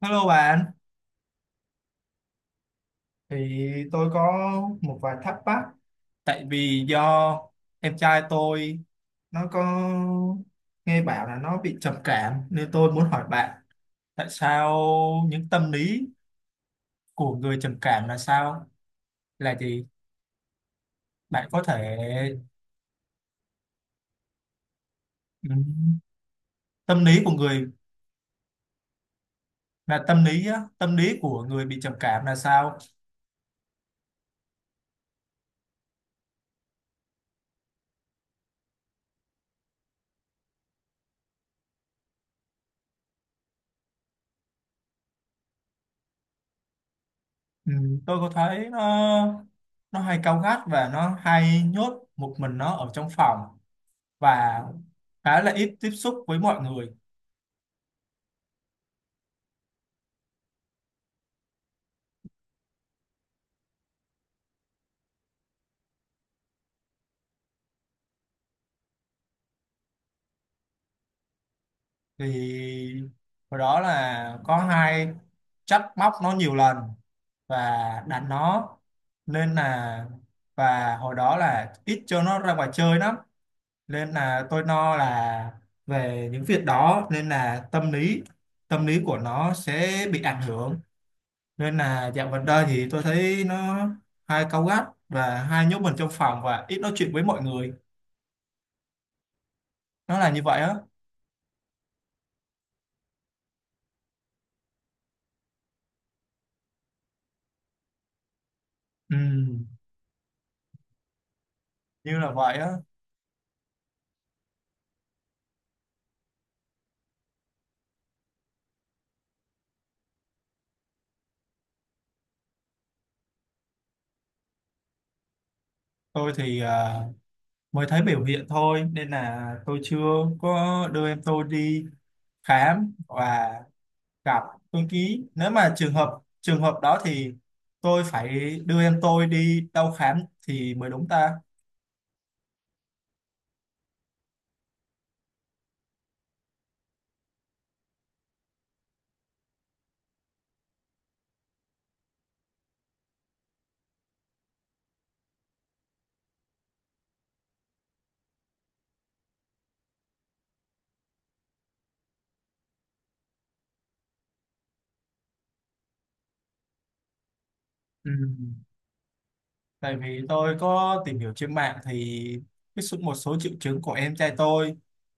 Hello bạn, thì tôi có một vài thắc mắc tại vì do em trai tôi nó có nghe bảo là nó bị trầm cảm, nên tôi muốn hỏi bạn tại sao những tâm lý của người trầm cảm là sao? Là gì? Bạn có thể, ừm, tâm lý của người, là tâm lý á, tâm lý của người bị trầm cảm là sao? Tôi có thấy nó hay cáu gắt và nó hay nhốt một mình nó ở trong phòng, và khá là ít tiếp xúc với mọi người. Thì hồi đó là có hai, trách móc nó nhiều lần và đánh nó, nên là và hồi đó là ít cho nó ra ngoài chơi lắm, nên là tôi no là về những việc đó, nên là tâm lý của nó sẽ bị ảnh hưởng. Nên là dạo gần đây thì tôi thấy nó hay cáu gắt và hay nhốt mình trong phòng và ít nói chuyện với mọi người. Nó là như vậy á. Ừ, như là vậy á. Tôi thì mới thấy biểu hiện thôi, nên là tôi chưa có đưa em tôi đi khám và gặp. Tôi ký nếu mà trường hợp đó thì tôi phải đưa em tôi đi đâu khám thì mới đúng ta. Ừ, tại vì tôi có tìm hiểu trên mạng thì một số triệu chứng của em trai tôi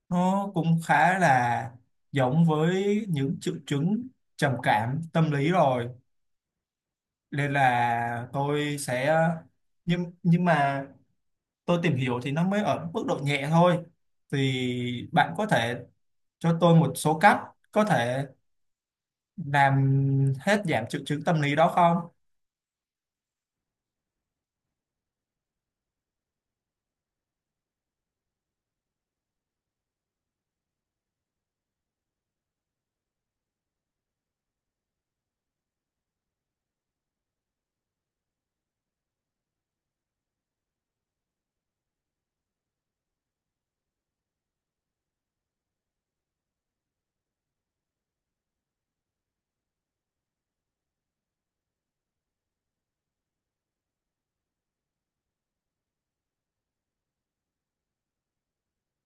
nó cũng khá là giống với những triệu chứng trầm cảm tâm lý rồi, nên là tôi sẽ. Nhưng mà tôi tìm hiểu thì nó mới ở mức độ nhẹ thôi. Thì bạn có thể cho tôi một số cách có thể làm hết giảm triệu chứng tâm lý đó không?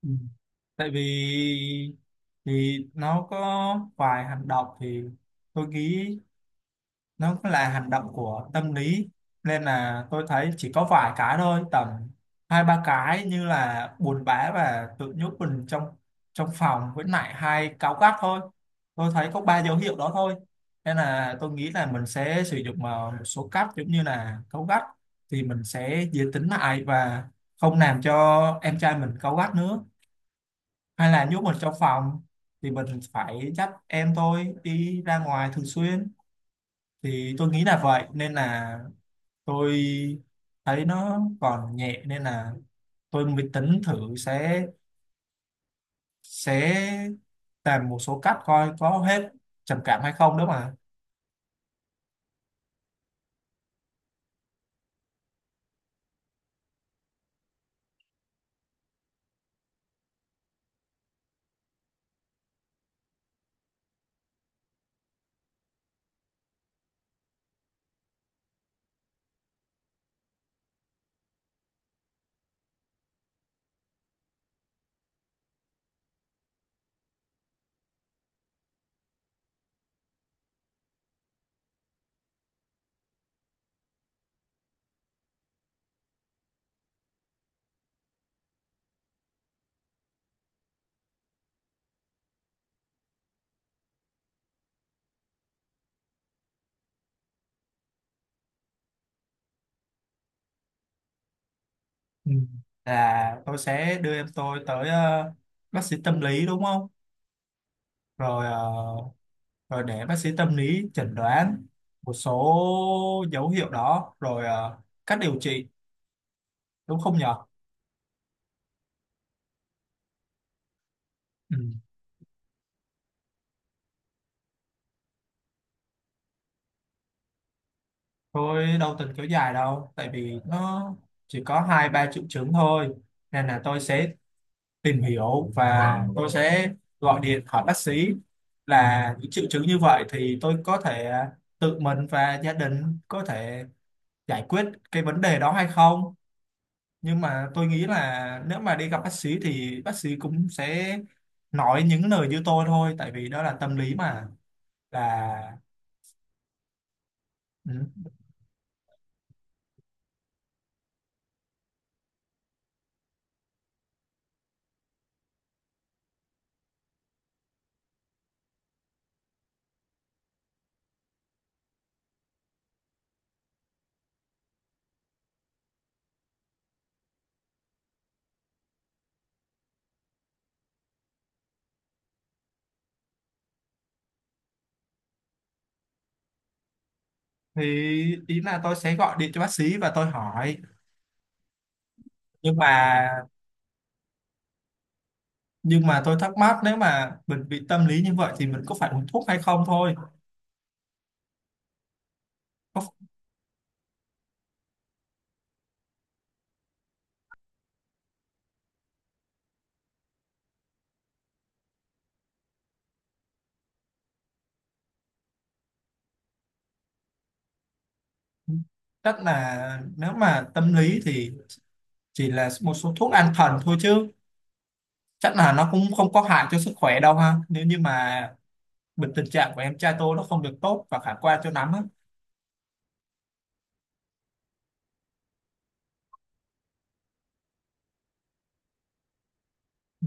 Ừ, tại vì thì nó có vài hành động thì tôi nghĩ nó cũng là hành động của tâm lý, nên là tôi thấy chỉ có vài cái thôi, tầm hai ba cái, như là buồn bã và tự nhốt mình trong trong phòng, với lại hay cáu gắt thôi. Tôi thấy có ba dấu hiệu đó thôi, nên là tôi nghĩ là mình sẽ sử dụng một số cách, giống như là cáu gắt thì mình sẽ dễ tính lại và không làm cho em trai mình cáu gắt nữa, hay là nhốt mình trong phòng thì mình phải dắt em tôi đi ra ngoài thường xuyên. Thì tôi nghĩ là vậy, nên là tôi thấy nó còn nhẹ nên là tôi mới tính thử sẽ sẽ làm một số cách coi có hết trầm cảm hay không đó mà. Ừ, là tôi sẽ đưa em tôi tới bác sĩ tâm lý đúng không, rồi rồi để bác sĩ tâm lý chẩn đoán một số dấu hiệu đó, rồi cách điều trị, đúng không nhở? Ừ. Tôi đâu từng kéo dài đâu, tại vì nó chỉ có hai ba triệu chứng thôi, nên là tôi sẽ tìm hiểu và tôi sẽ gọi điện hỏi bác sĩ là những triệu chứng như vậy thì tôi có thể tự mình và gia đình có thể giải quyết cái vấn đề đó hay không. Nhưng mà tôi nghĩ là nếu mà đi gặp bác sĩ thì bác sĩ cũng sẽ nói những lời như tôi thôi, tại vì đó là tâm lý mà, là ừ. Thì ý là tôi sẽ gọi điện cho bác sĩ và tôi hỏi, nhưng mà tôi thắc mắc nếu mà mình bị tâm lý như vậy thì mình có phải uống thuốc hay không thôi. Có. Chắc là nếu mà tâm lý thì chỉ là một số thuốc an thần thôi chứ, chắc là nó cũng không có hại cho sức khỏe đâu ha, nếu như mà bệnh tình trạng của em trai tôi nó không được tốt và khả quan cho lắm á. Ừ.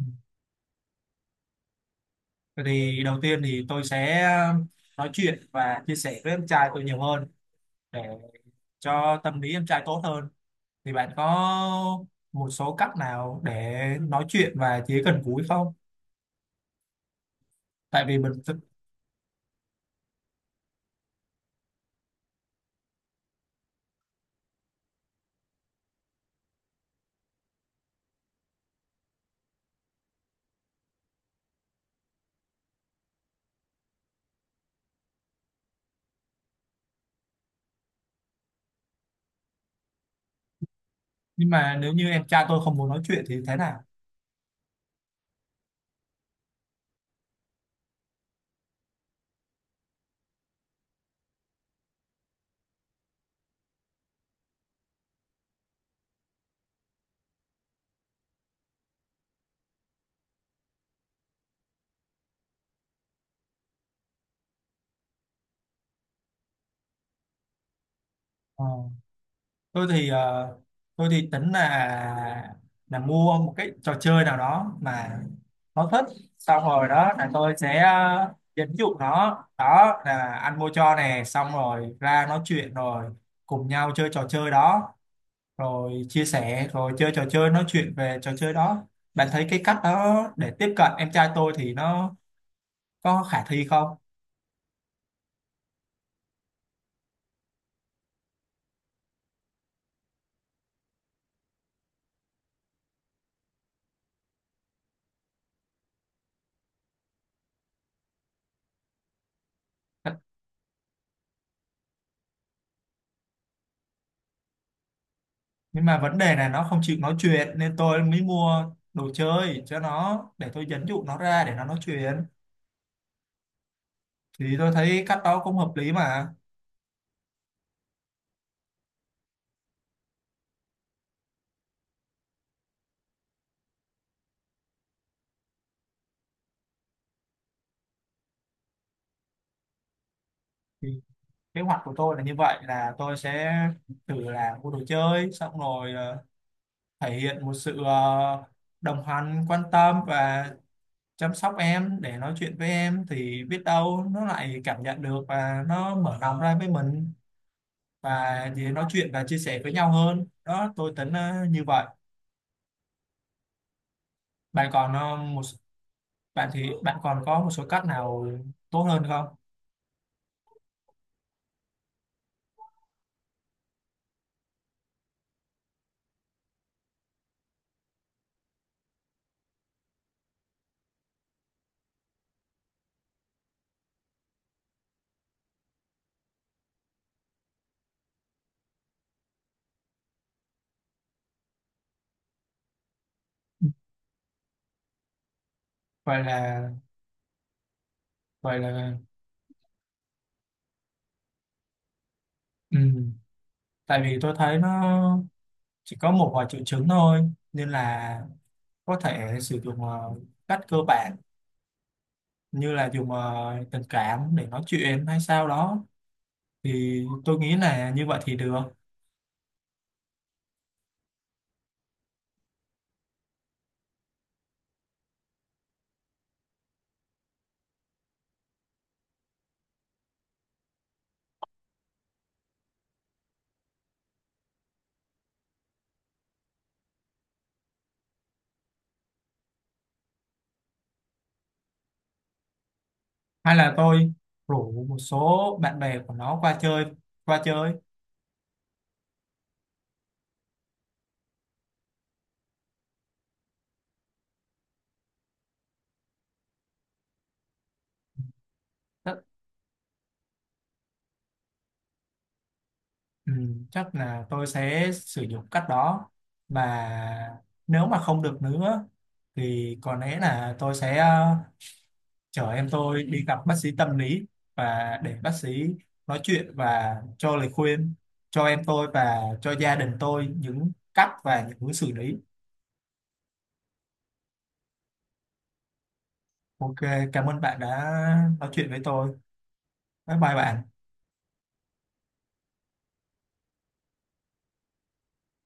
Vậy thì đầu tiên thì tôi sẽ nói chuyện và chia sẻ với em trai tôi nhiều hơn để cho tâm lý em trai tốt hơn. Thì bạn có một số cách nào để nói chuyện và chỉ gần gũi không? Tại vì mình nhưng mà nếu như em trai tôi không muốn nói chuyện thì thế nào? Ờ, tôi thì tôi thì tính là mua một cái trò chơi nào đó mà nó thích, xong rồi đó là tôi sẽ dẫn dụ nó, đó là anh mua cho nè, xong rồi ra nói chuyện rồi cùng nhau chơi trò chơi đó, rồi chia sẻ, rồi chơi trò chơi, nói chuyện về trò chơi đó. Bạn thấy cái cách đó để tiếp cận em trai tôi thì nó có khả thi không? Nhưng mà vấn đề là nó không chịu nói chuyện nên tôi mới mua đồ chơi cho nó để tôi dẫn dụ nó ra để nó nói chuyện, thì tôi thấy cách đó cũng hợp lý mà. Thì kế hoạch của tôi là như vậy, là tôi sẽ thử là mua đồ chơi, xong rồi thể hiện một sự đồng hành, quan tâm và chăm sóc em, để nói chuyện với em thì biết đâu nó lại cảm nhận được và nó mở lòng ra với mình, và thì nói chuyện và chia sẻ với nhau hơn đó. Tôi tính như vậy. Bạn còn một, thì bạn còn có một số cách nào tốt hơn không? Vậy là vậy là ừ, tại vì tôi thấy nó chỉ có một vài triệu chứng thôi, nên là có thể sử dụng cách cơ bản, như là dùng tình cảm để nói chuyện hay sao đó, thì tôi nghĩ là như vậy thì được. Hay là tôi rủ một số bạn bè của nó qua chơi, qua chơi chắc, ừ, chắc là tôi sẽ sử dụng cách đó, và nếu mà không được nữa thì có lẽ là tôi sẽ chở em tôi đi gặp bác sĩ tâm lý, và để bác sĩ nói chuyện và cho lời khuyên cho em tôi và cho gia đình tôi những cách và những hướng xử lý. Ok, cảm ơn bạn đã nói chuyện với tôi. Bye bye bạn.